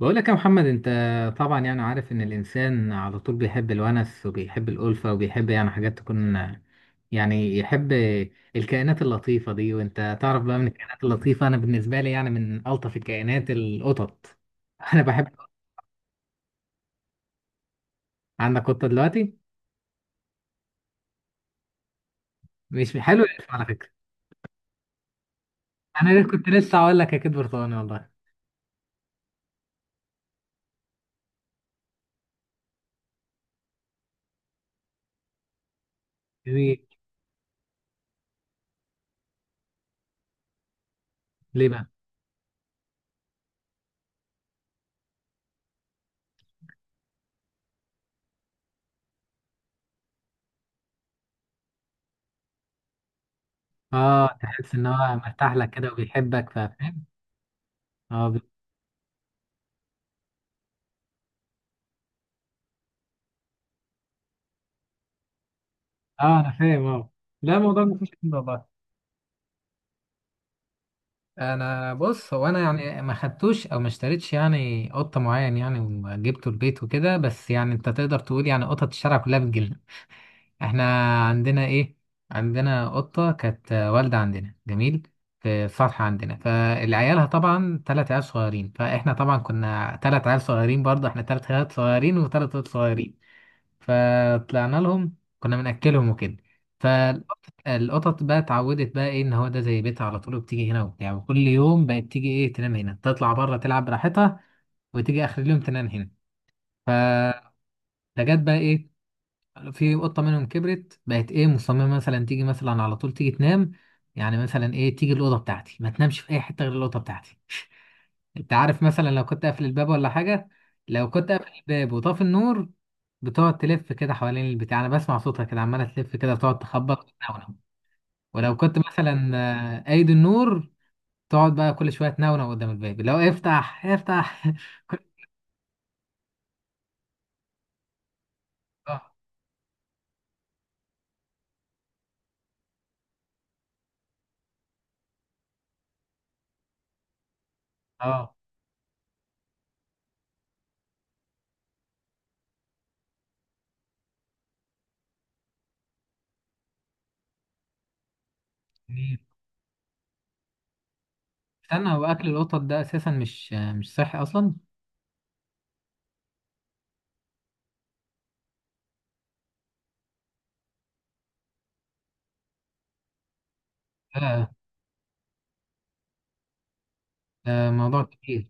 بقول لك يا محمد، انت طبعا يعني عارف ان الانسان على طول بيحب الونس وبيحب الالفه وبيحب يعني حاجات تكون يعني يحب الكائنات اللطيفه دي. وانت تعرف بقى من الكائنات اللطيفه، انا بالنسبه لي يعني من الطف الكائنات القطط. انا بحب. عندك قطه دلوقتي؟ مش حلو الالف على فكره. انا كنت لسه هقول لك اكيد برتقاني والله. جميل. ليه بقى؟ اه تحس ان هو مرتاح لك كده وبيحبك، فاهم. اه بي- اه انا فاهم اه. لا الموضوع مفيش كده والله. انا بص، هو انا يعني ما خدتوش او ما اشتريتش يعني قطه معين يعني وجبته البيت وكده، بس يعني انت تقدر تقول يعني قطط الشارع كلها بتجيلنا احنا. عندنا ايه، عندنا قطه كانت والده عندنا، جميل، في السطح عندنا. فالعيالها طبعا ثلاث عيال صغيرين، فاحنا طبعا كنا ثلاث عيال صغيرين برضه، احنا ثلاث عيال صغيرين وثلاث قطط صغيرين. فطلعنا لهم، كنا بنأكلهم وكده. فالقطط بقى اتعودت بقى ايه ان هو ده زي بيتها على طول، وبتيجي هنا وبتاع، وكل يوم بقت تيجي ايه تنام هنا، تطلع بره تلعب براحتها، وتيجي اخر اليوم تنام هنا. فجت بقى ايه، في قطة منهم كبرت بقت ايه مصممة مثلا تيجي مثلا على طول تيجي تنام. يعني مثلا ايه تيجي الأوضة بتاعتي، ما تنامش في اي حتة غير الأوضة بتاعتي. انت عارف مثلا لو كنت قافل الباب ولا حاجة، لو كنت قافل الباب وطافي النور، بتقعد تلف كده حوالين البتاع، انا بسمع صوتها كده عمالة تلف كده، بتقعد تخبط وتنونو. ولو كنت مثلا قايد النور، تقعد بقى كل شوية تنونو قدام الباب، لو افتح افتح كل- اه اه. جميل. استنى، هو اكل القطط ده اساسا مش مش صحي اصلا. لا ده موضوع كبير.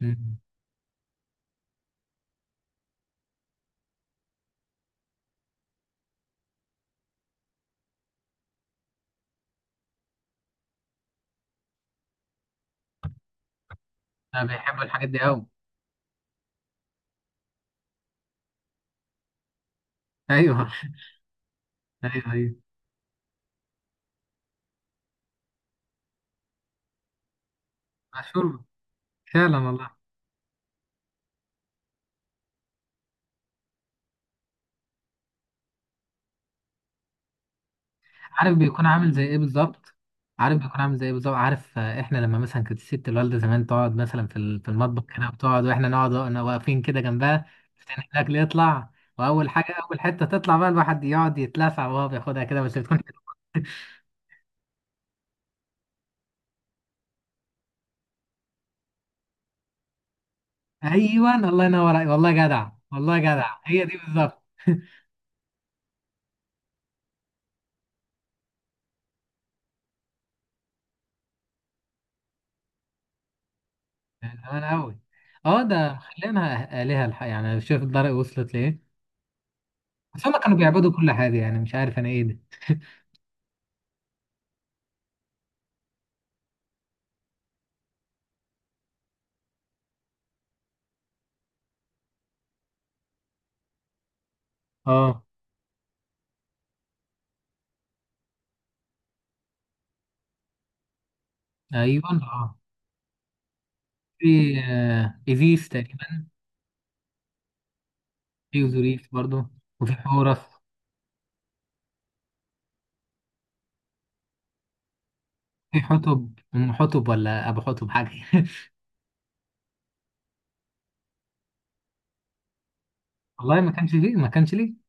مم. انا بيحبوا الحاجات دي قوي. ايوه. ايوه ايوه. مشهور فعلا والله. عارف بيكون عامل زي ايه بالظبط. عارف بيكون عامل زي ايه بالظبط، عارف احنا لما مثلا كانت الست الوالده زمان تقعد مثلا في في المطبخ كده، بتقعد واحنا نقعد واحنا واقفين كده جنبها، تفتح الاكل يطلع، واول حاجه اول حته تطلع بقى الواحد يقعد يتلسع وهو بياخدها كده، بس بتكون حلوة. ايوه الله ينور عليك. والله جدع، والله جدع، هي دي بالظبط من زمان قوي. اه ده خلينا آلهة الحق، يعني شوف الدرجة وصلت ليه. بس هما كانوا بيعبدوا كل حاجة يعني، مش عارف انا ايه ده. اه ايوه اه. في إيزيس تقريبا. في أوزوريس برضو. وفي حورس. في حتب أم حتب ولا أبو حتب حاجة والله ما كانش فيه، ما كانش ليه.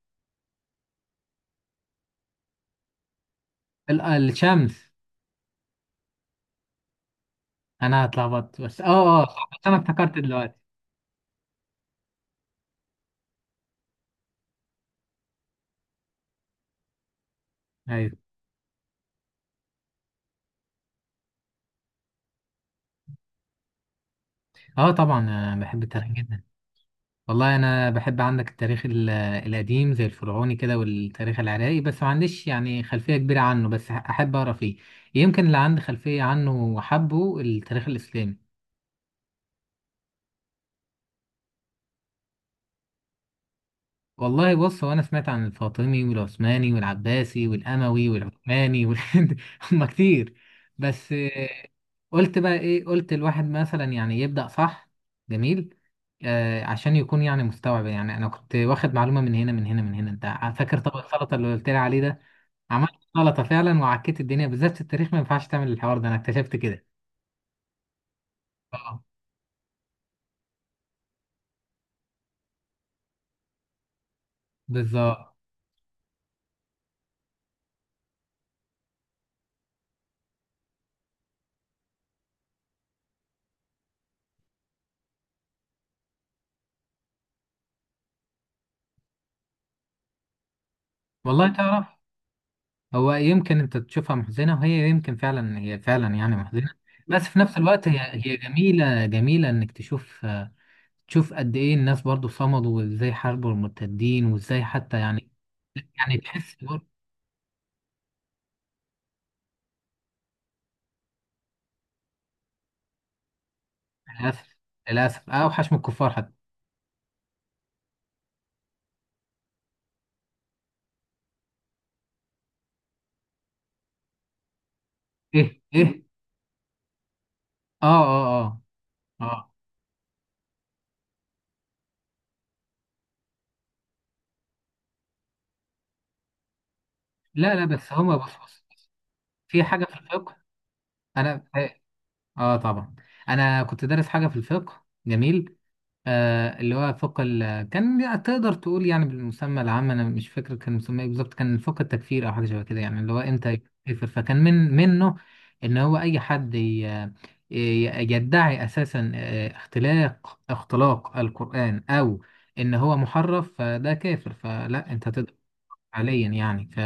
الشمس. أنا اتلخبطت بس، أه أه صح، بس أنا افتكرت دلوقتي. أيوه. أه طبعا أنا بحب التاريخ جدا. والله أنا بحب، عندك التاريخ القديم زي الفرعوني كده، والتاريخ العراقي بس ما عنديش يعني خلفية كبيرة عنه، بس أحب أقرأ فيه. يمكن اللي عندي خلفية عنه وحبه التاريخ الإسلامي. والله بص، هو انا سمعت عن الفاطمي والعثماني والعباسي والاموي والعثماني وال... هم كتير. بس قلت بقى ايه، قلت الواحد مثلا يعني يبدأ صح. جميل. آه عشان يكون يعني مستوعب، يعني انا كنت واخد معلومة من هنا من هنا من هنا. انت فاكر طبق السلطة اللي قلت لي عليه ده؟ عملت سلطة فعلا وعكيت الدنيا. بالذات في التاريخ ما ينفعش تعمل الحوار ده، انا اكتشفت كده. اه بالظبط. والله تعرف. هو يمكن انت تشوفها محزنة، وهي يمكن فعلا هي فعلا يعني محزنة. بس في نفس الوقت هي جميلة جميلة انك تشوف، تشوف قد ايه الناس برضو صمدوا، وازاي حاربوا المرتدين، وازاي حتى يعني. يعني تحس برضو، للأسف، للأسف اوحش من الكفار حتى. ايه ايه. اه اه اه. اه. لا لا، بس هما بص بص، في حاجة في الفقه. انا اه. طبعا انا كنت دارس حاجة في الفقه جميل. آه، اللي هو فوق كان تقدر تقول يعني بالمسمى العام، انا مش فاكر كان مسمى ايه بالظبط، كان فوق التكفير او حاجه شبه كده، يعني اللي هو امتى يكفر، فكان من منه ان هو اي حد يدعي اساسا اختلاق اختلاق القران او ان هو محرف، فده كافر، فلا انت تقدر حاليا يعني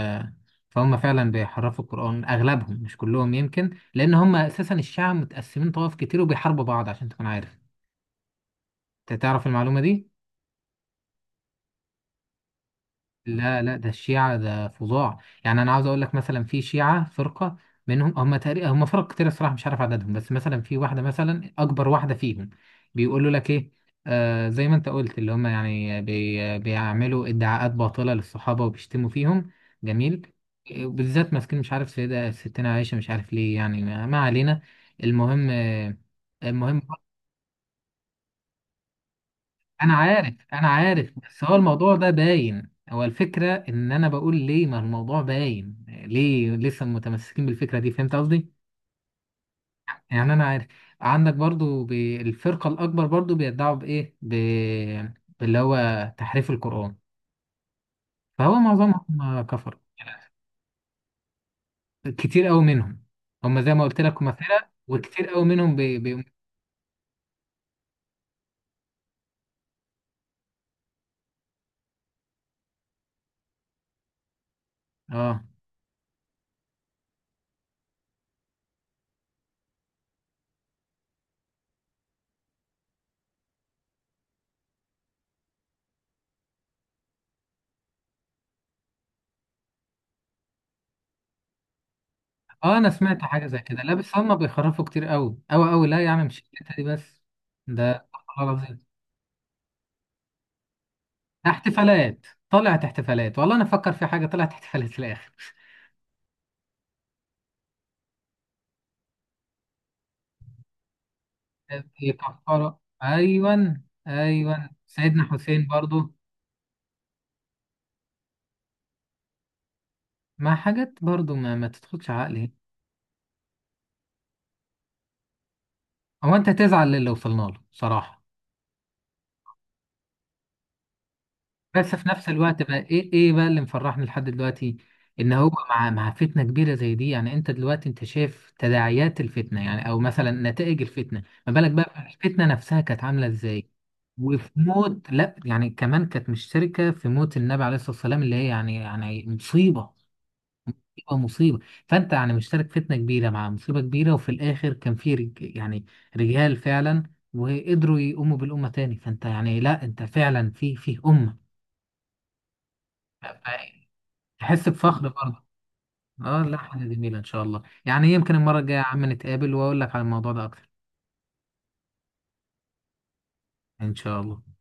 فهم فعلا بيحرفوا القران اغلبهم مش كلهم يمكن، لان هم اساسا الشعب متقسمين طوائف كتير وبيحاربوا بعض، عشان تكون عارف. انت تعرف المعلومه دي؟ لا لا، ده الشيعة ده فظاع. يعني أنا عاوز أقول لك مثلا في شيعة فرقة منهم، هم تقريبا هم فرق كتير الصراحة مش عارف عددهم، بس مثلا في واحدة مثلا أكبر واحدة فيهم بيقولوا لك إيه، آه زي ما أنت قلت اللي هم يعني بيعملوا ادعاءات باطلة للصحابة وبيشتموا فيهم. جميل. بالذات ماسكين مش عارف سيدة ستنا عائشة، مش عارف ليه يعني ما علينا. المهم المهم انا عارف انا عارف، بس هو الموضوع ده باين، هو الفكرة ان انا بقول ليه ما الموضوع باين ليه لسه متمسكين بالفكرة دي، فهمت قصدي. يعني انا عارف عندك برضو بالفرقة الاكبر برضو بيدعوا بايه باللي هو تحريف القرآن. فهو معظمهم كفر. كتير قوي منهم، هم زي ما قلت لك هم فرق وكتير قوي منهم اه اه انا سمعت حاجة زي كده. لا بس هم بيخرفوا كتير قوي قوي قوي، لا يعني مش الحتة دي بس، ده خلاص. احتفالات طلعت احتفالات، والله انا افكر في حاجه طلعت احتفالات في الاخر في كفاره، ايوه ايوه. سيدنا حسين برضو مع حاجات برضو ما تدخلش عقلي. هو انت تزعل للي وصلنا له صراحه. بس في نفس الوقت بقى ايه، ايه بقى اللي مفرحني لحد دلوقتي، ان هو مع فتنه كبيره زي دي، يعني انت دلوقتي انت شايف تداعيات الفتنه يعني او مثلا نتائج الفتنه، ما بالك بقى الفتنه نفسها كانت عامله ازاي. وفي موت لا، يعني كمان كانت مشتركة في موت النبي عليه الصلاة والسلام، اللي هي يعني يعني مصيبة مصيبة مصيبة. فأنت يعني مشترك فتنة كبيرة مع مصيبة كبيرة، وفي الآخر كان في يعني رجال فعلا، وقدروا يقوموا بالأمة تاني. فأنت يعني لا، أنت فعلا في أمة تحس بفخر برضه. اه لا حاجة جميلة إن شاء الله، يعني يمكن المرة الجاية يا عم نتقابل وأقول لك على الموضوع ده أكتر. إن شاء الله.